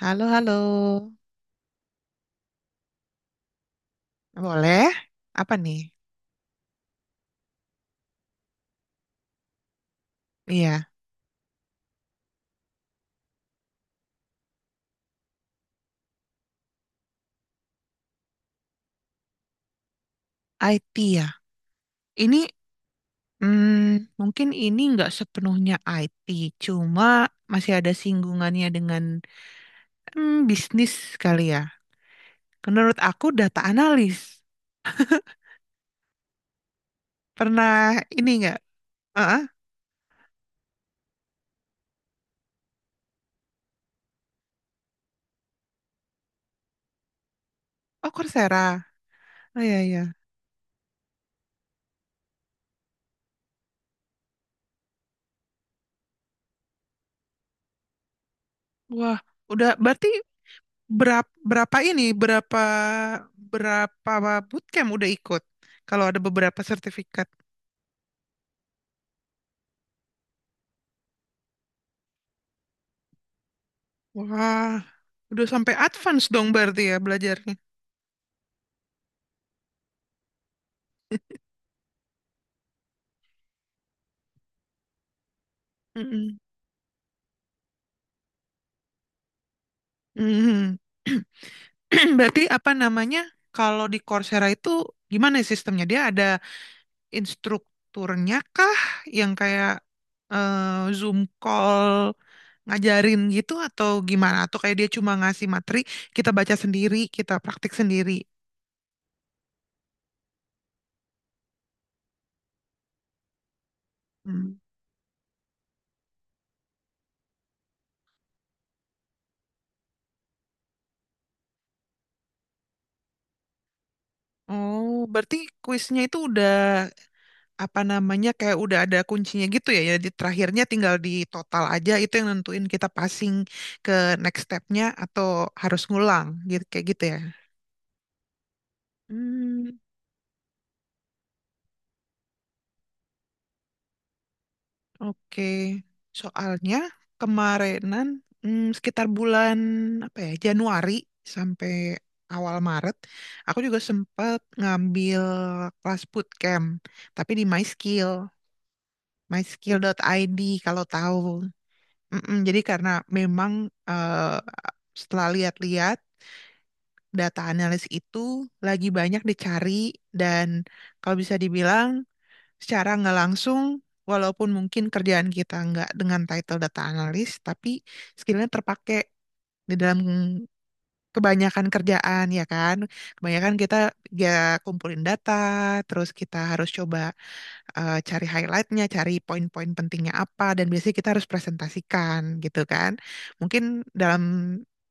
Halo, halo. Boleh? Apa nih? Iya, IT ya. Ini hmm, mungkin ini nggak sepenuhnya IT, cuma masih ada singgungannya dengan bisnis kali ya. Menurut aku data analis. Pernah ini nggak? Heeh. Oh, Coursera. Oh, iya, iya. Wah, udah berarti berapa, berapa ini, berapa berapa bootcamp udah ikut? Kalau ada beberapa sertifikat. Wah, udah sampai advance dong berarti ya belajarnya. Mm-mm. Mhm. Berarti apa namanya? Kalau di Coursera itu gimana ya sistemnya? Dia ada instrukturnya kah yang kayak Zoom call ngajarin gitu atau gimana? Atau kayak dia cuma ngasih materi, kita baca sendiri, kita praktik sendiri. Hmm. Oh, berarti kuisnya itu udah apa namanya kayak udah ada kuncinya gitu ya. Jadi terakhirnya tinggal di total aja itu yang nentuin kita passing ke next stepnya atau harus ngulang gitu kayak gitu ya. Hmm, oke. Soalnya kemarinan sekitar bulan apa ya Januari sampai awal Maret, aku juga sempat ngambil kelas bootcamp, tapi di MySkill, myskill.id kalau tahu. Mm-mm. Jadi karena memang eh, setelah lihat-lihat data analis itu lagi banyak dicari, dan kalau bisa dibilang secara nggak langsung, walaupun mungkin kerjaan kita nggak dengan title data analis tapi skillnya terpakai di dalam kebanyakan kerjaan, ya kan? Kebanyakan kita ya kumpulin data terus kita harus coba cari highlightnya, cari poin-poin pentingnya apa, dan biasanya kita harus presentasikan gitu kan. Mungkin dalam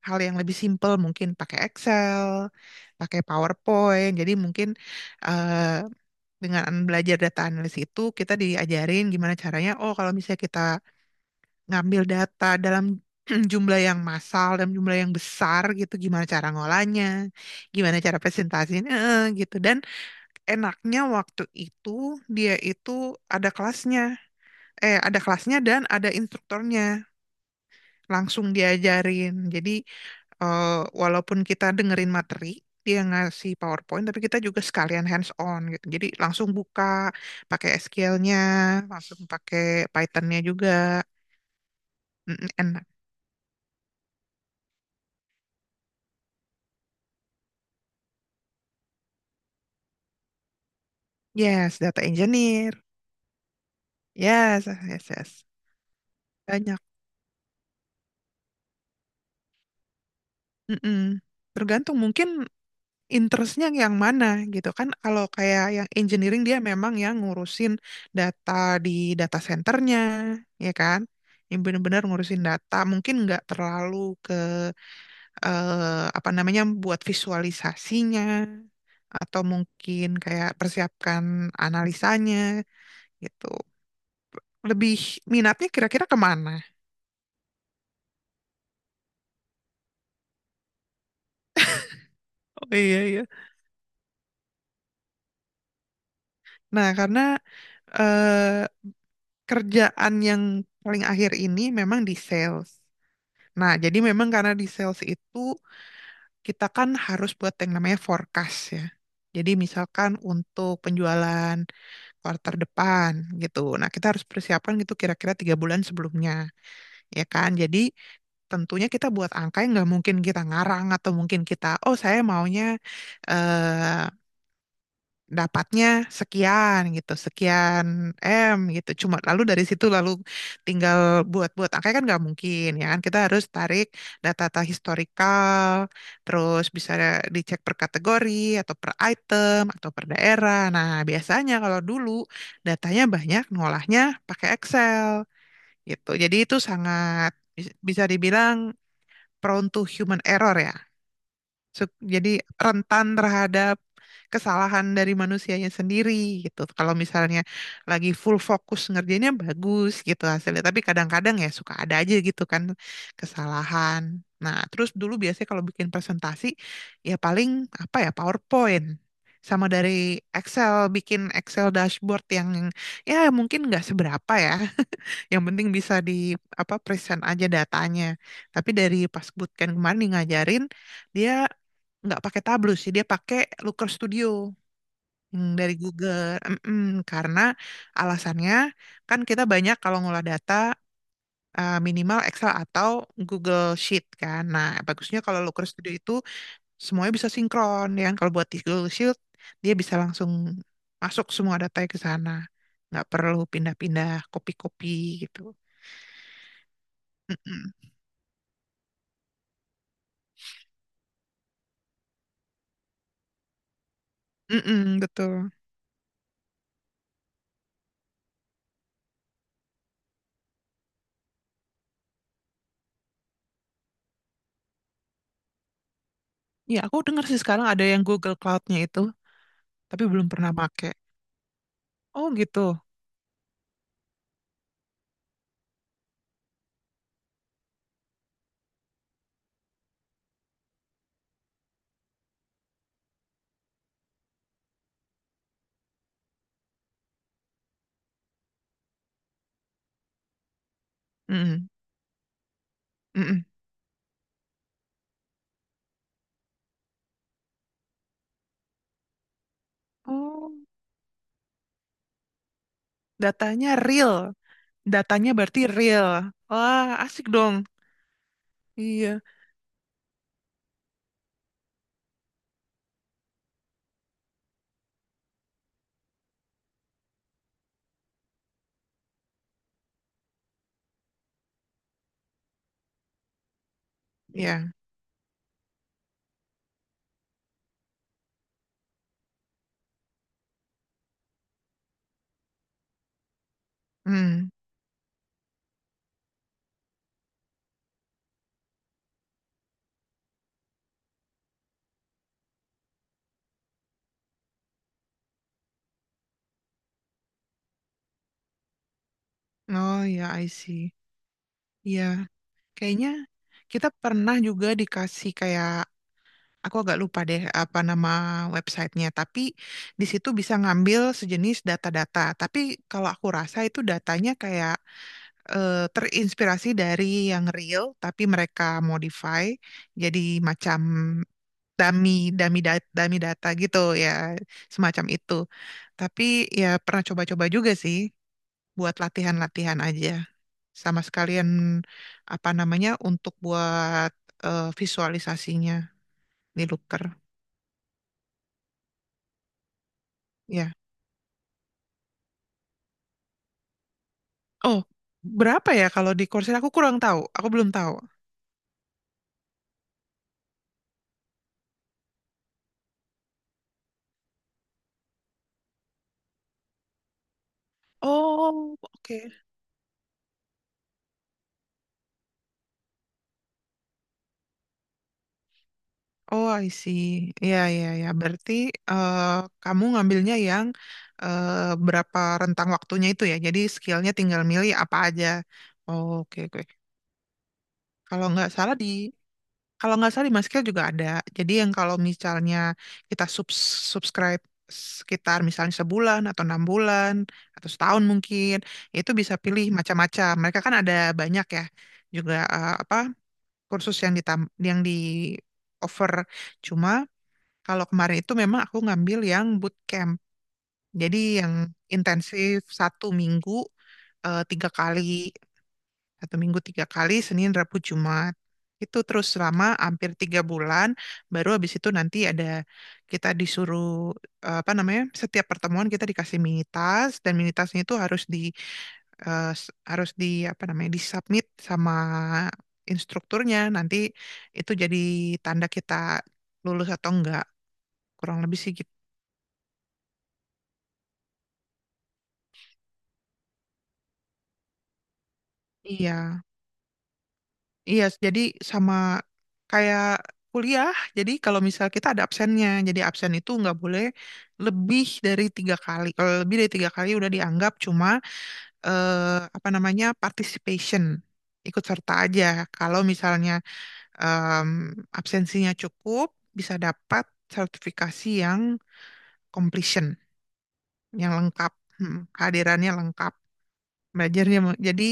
hal yang lebih simpel mungkin pakai Excel, pakai PowerPoint. Jadi mungkin eh, dengan belajar data analis itu kita diajarin gimana caranya, oh kalau misalnya kita ngambil data dalam jumlah yang massal dan jumlah yang besar gitu gimana cara ngolahnya, gimana cara presentasinya gitu. Dan enaknya waktu itu dia itu ada kelasnya dan ada instrukturnya langsung diajarin. Jadi eh, walaupun kita dengerin materi, dia ngasih PowerPoint tapi kita juga sekalian hands on gitu. Jadi langsung buka pakai SQL-nya, langsung pakai Python-nya juga. Mm, enak. Yes, data engineer. Yes, yes, yes. Banyak. Mm-mm. Tergantung mungkin interestnya yang mana gitu kan. Kalau kayak yang engineering dia memang yang ngurusin data di data centernya, ya kan? Yang benar-benar ngurusin data mungkin nggak terlalu ke apa namanya, buat visualisasinya atau mungkin kayak persiapkan analisanya gitu, lebih minatnya kira-kira kemana. Oh, iya, iya. Nah, karena eh, kerjaan yang paling akhir ini memang di sales. Nah, jadi memang karena di sales itu kita kan harus buat yang namanya forecast ya. Jadi misalkan untuk penjualan kuartal depan gitu. Nah, kita harus persiapan gitu kira-kira 3 bulan sebelumnya, ya kan? Jadi tentunya kita buat angka yang nggak mungkin kita ngarang atau mungkin kita, oh saya maunya eh, dapatnya sekian gitu, sekian M gitu. Cuma lalu dari situ lalu tinggal buat-buat angka kan nggak mungkin ya kan. Kita harus tarik data-data historikal, terus bisa dicek per kategori atau per item atau per daerah. Nah, biasanya kalau dulu datanya banyak, ngolahnya pakai Excel gitu. Jadi itu sangat bisa dibilang prone to human error ya. Jadi rentan terhadap kesalahan dari manusianya sendiri gitu. Kalau misalnya lagi full fokus ngerjainnya bagus gitu hasilnya, tapi kadang-kadang ya suka ada aja gitu kan kesalahan. Nah, terus dulu biasanya kalau bikin presentasi ya paling apa ya PowerPoint, sama dari Excel bikin Excel dashboard yang ya mungkin nggak seberapa ya, yang penting bisa di apa present aja datanya. Tapi dari pas bootcamp kemarin dia ngajarin dia nggak pakai Tableau sih, dia pakai Looker Studio yang dari Google. Mm-mm. Karena alasannya kan kita banyak kalau ngolah data minimal Excel atau Google Sheet kan. Nah, bagusnya kalau Looker Studio itu semuanya bisa sinkron, ya kan? Kalau buat di Google Sheet dia bisa langsung masuk semua datanya ke sana. Nggak perlu pindah-pindah kopi-kopi gitu. Mm-mm. Mm-mm, betul. Ya, aku dengar sih sekarang ada yang Google Cloud-nya itu, tapi belum pernah pakai. Oh, gitu. Mm-mm, mm-mm. Oh, datanya real. Datanya berarti real. Wah, asik dong. Iya. Ya. Mm. Oh, ya, I see. Iya. Kayaknya kita pernah juga dikasih kayak, aku agak lupa deh apa nama websitenya, tapi di situ bisa ngambil sejenis data-data. Tapi kalau aku rasa itu datanya kayak terinspirasi dari yang real, tapi mereka modify jadi macam dummy, dummy data gitu ya, semacam itu. Tapi ya pernah coba-coba juga sih buat latihan-latihan aja. Sama sekalian apa namanya untuk buat visualisasinya di Looker. Ya. Oh, berapa ya kalau di Coursera aku kurang tahu. Aku belum tahu. Oh, oke. Oh, I see. Iya, iya, ya. Berarti eh, kamu ngambilnya yang eh, berapa rentang waktunya itu ya. Jadi skillnya tinggal milih apa aja. Oh, oke, oke. Kalau nggak salah di kalau nggak salah di Maskill juga ada. Jadi yang kalau misalnya kita subscribe sekitar misalnya sebulan atau 6 bulan atau setahun mungkin itu bisa pilih macam-macam. Mereka kan ada banyak ya juga apa kursus yang di offer. Cuma kalau kemarin itu memang aku ngambil yang bootcamp. Jadi yang intensif satu minggu tiga kali, satu minggu tiga kali, Senin, Rabu, Jumat. Itu terus selama hampir 3 bulan. Baru habis itu nanti ada kita disuruh apa namanya? Setiap pertemuan kita dikasih mini task dan mini tasknya itu harus di apa namanya? Disubmit sama instrukturnya. Nanti itu jadi tanda kita lulus atau enggak. Kurang lebih sih gitu. Iya. Iya, jadi sama kayak kuliah. Jadi kalau misal kita ada absennya, jadi absen itu nggak boleh lebih dari 3 kali. Kalau lebih dari 3 kali udah dianggap cuma apa namanya participation, ikut serta aja. Kalau misalnya em, absensinya cukup, bisa dapat sertifikasi yang completion, yang lengkap, kehadirannya lengkap, belajarnya. Jadi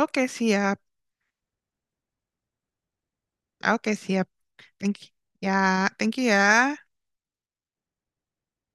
oke siap, oke siap. Thank you. Ya, thank you ya.